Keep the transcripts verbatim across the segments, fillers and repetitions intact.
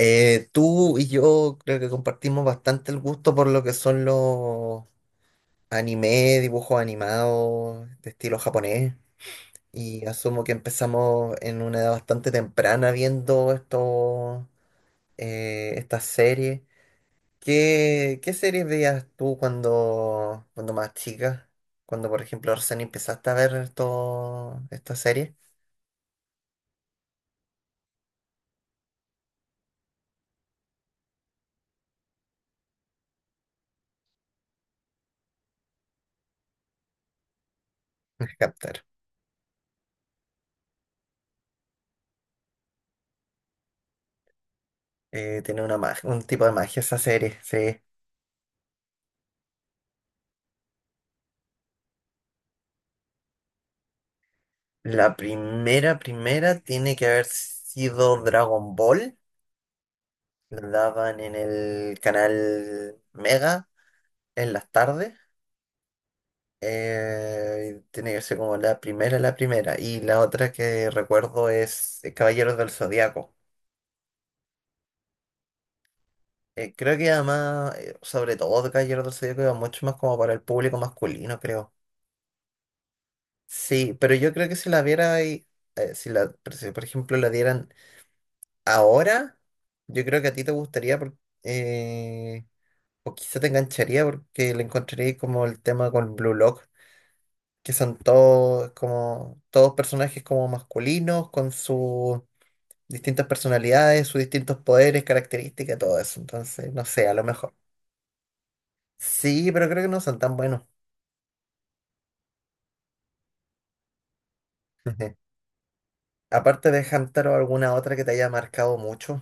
Eh, tú y yo creo que compartimos bastante el gusto por lo que son los anime, dibujos animados de estilo japonés. Y asumo que empezamos en una edad bastante temprana viendo estos, eh, estas series. ¿Qué, qué series veías tú cuando, cuando más chica? Cuando, por ejemplo, recién empezaste a ver esto, esta serie. Captar. Eh, tiene una mag- un tipo de magia esa serie, sí. La primera, primera tiene que haber sido Dragon Ball. La daban en el canal Mega en las tardes. Eh, tiene que ser como la primera, la primera. Y la otra que recuerdo es eh, Caballeros del Zodiaco. Eh, creo que además, eh, sobre todo de Caballeros del Zodiaco, iba mucho más como para el público masculino, creo. Sí, pero yo creo que si la viera ahí, eh, si la, pero si, por ejemplo la dieran ahora, yo creo que a ti te gustaría porque o quizá te engancharía porque le encontraría como el tema con Blue Lock, que son todos como todos personajes como masculinos, con sus distintas personalidades, sus distintos poderes, características, todo eso. Entonces, no sé, a lo mejor. Sí, pero creo que no son tan buenos. Aparte de Hamtaro, ¿alguna otra que te haya marcado mucho?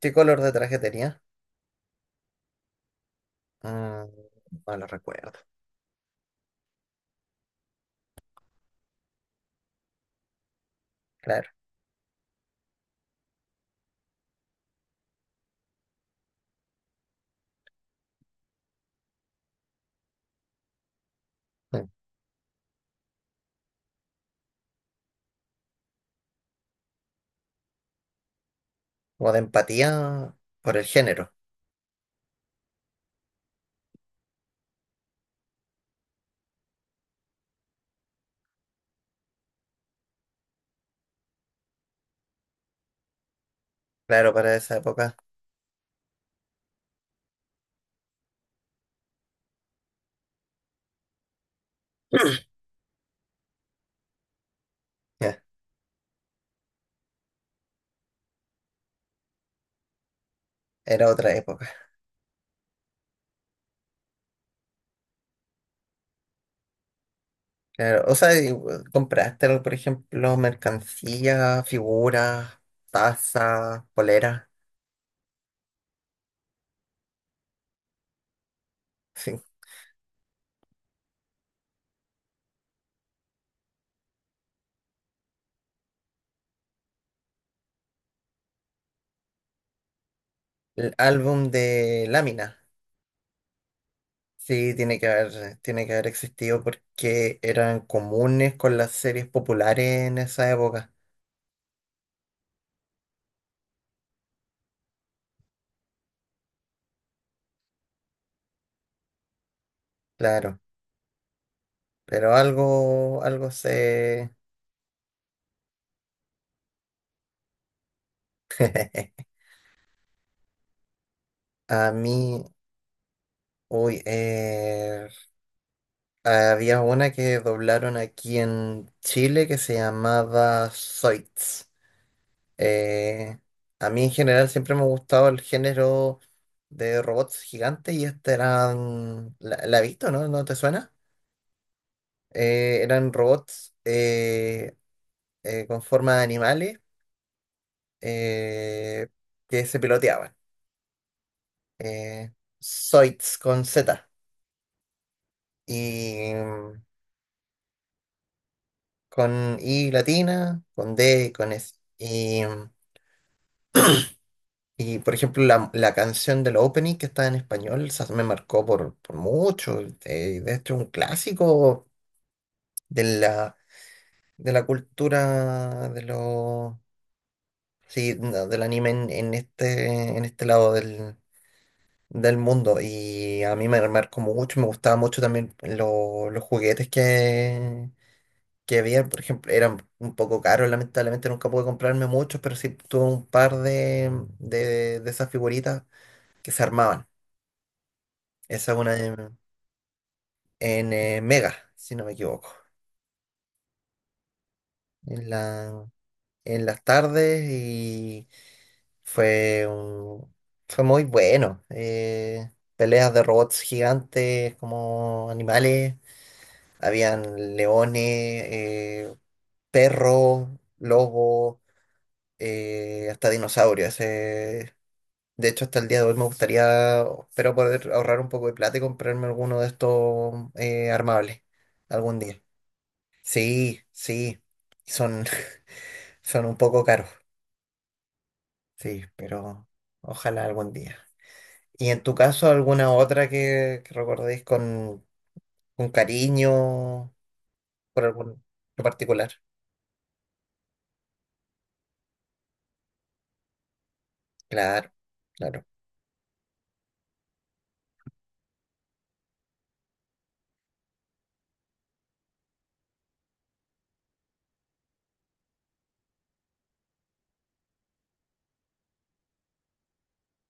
¿Qué color de traje tenía? Mm, no lo recuerdo. Claro. Mm. O de empatía por el género. Claro, para esa época. Ya, era otra época. Claro, o sea, y, eh, compraste, por ejemplo, mercancía, figuras, tazas, poleras, sí. El álbum de láminas, sí, tiene que haber, tiene que haber existido porque eran comunes con las series populares en esa época, claro. Pero algo, algo se... A mí, uy, eh, había una que doblaron aquí en Chile que se llamaba Zoids. Eh, a mí en general siempre me ha gustado el género de robots gigantes y este eran, la, la he visto, ¿no? ¿No te suena? Eh, eran robots eh, eh, con forma de animales eh, que se piloteaban. Eh, Zoids con Z y mm, con I latina, con D y con S. Y por ejemplo, la, la canción del opening que está en español, esa me marcó por, por mucho. Eh, de hecho, un clásico de la, de la cultura de los sí, no, del anime en, en este, en este lado del, del mundo. Y a mí me marcó mucho, me gustaba mucho también lo- los juguetes que, que había. Por ejemplo, eran un poco caros, lamentablemente nunca pude comprarme muchos, pero sí tuve un par de, de, de esas figuritas que se armaban. Esa es una en, en, eh, Mega, si no me equivoco. En la, en las tardes y fue un- fue muy bueno. Eh, peleas de robots gigantes como animales. Habían leones, eh, perros, lobos, eh, hasta dinosaurios. eh. De hecho, hasta el día de hoy me gustaría, espero poder ahorrar un poco de plata y comprarme alguno de estos eh, armables algún día. Sí, sí, son, son un poco caros, sí, pero ojalá algún día. ¿Y en tu caso alguna otra que, que recordéis con, con cariño por algún en particular? Claro, claro.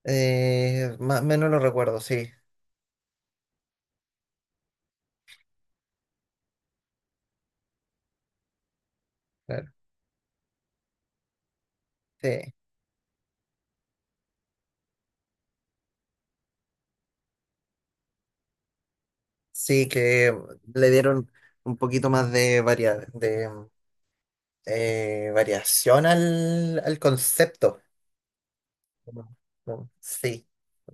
Eh, más o menos lo recuerdo, sí, claro. Sí, sí, que le dieron un poquito más de, varia, de eh, variación al, al concepto. Como- como- Sí,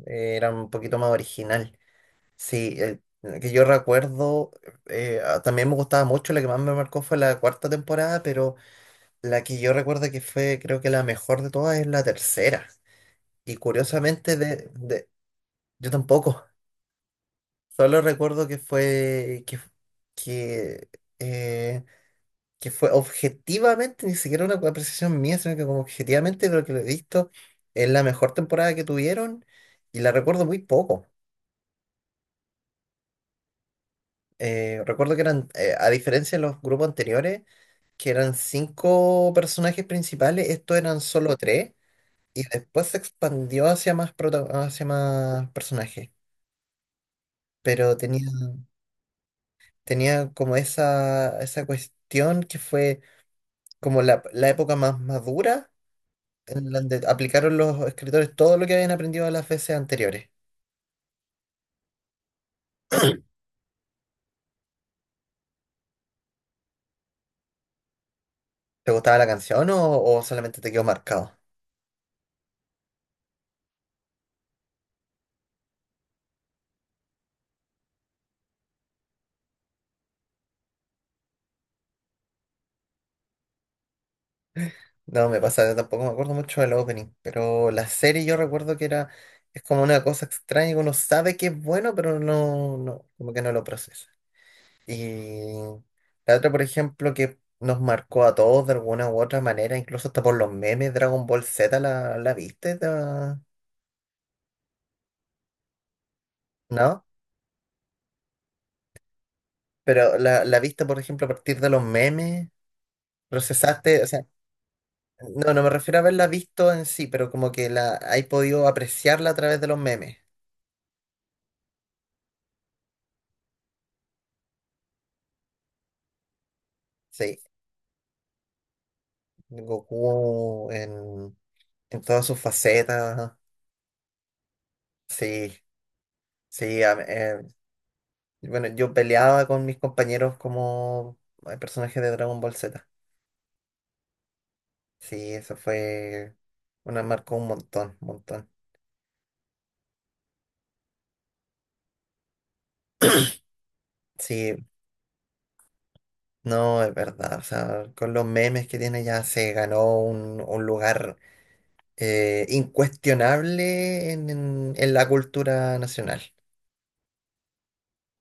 era un poquito más original. Sí, eh, que yo recuerdo, eh, ah, también me gustaba mucho, la que más me marcó fue la cuarta temporada, pero la que yo recuerdo que fue, creo que la mejor de todas es la tercera. Y curiosamente, de, de- yo tampoco, solo recuerdo que fue, que, que, eh, que fue objetivamente, ni siquiera una apreciación mía, sino que como objetivamente de lo que lo he visto, es la mejor temporada que tuvieron y la recuerdo muy poco. Eh, recuerdo que eran, eh, a diferencia de los grupos anteriores, que eran cinco personajes principales, estos eran solo tres, y después se expandió hacia más, prota- hacia más personajes. Pero tenía, tenía como esa, esa cuestión que fue como la, la época más madura, en donde aplicaron los escritores todo lo que habían aprendido las veces anteriores. ¿Te gustaba la canción o, o solamente te quedó marcado? No, me pasa, tampoco me acuerdo mucho del opening, pero la serie yo recuerdo que era, es como una cosa extraña que uno sabe que es bueno, pero no, no, como que no lo procesa. Y la otra, por ejemplo, que nos marcó a todos de alguna u otra manera, incluso hasta por los memes, Dragon Ball Z, ¿la, la viste? ¿La ¿no? Pero la, la viste, por ejemplo, a partir de los memes, procesaste, o sea, no, no me refiero a haberla visto en sí, pero como que la hay podido apreciarla a través de los memes. Sí. Goku en, en todas sus facetas. Sí, sí. A- eh, bueno, yo peleaba con mis compañeros como eh, personajes de Dragon Ball Z. Sí, eso fue una marcó un montón, un montón. Sí, no, es verdad. O sea, con los memes que tiene ya se ganó un, un lugar eh, incuestionable en, en en la cultura nacional.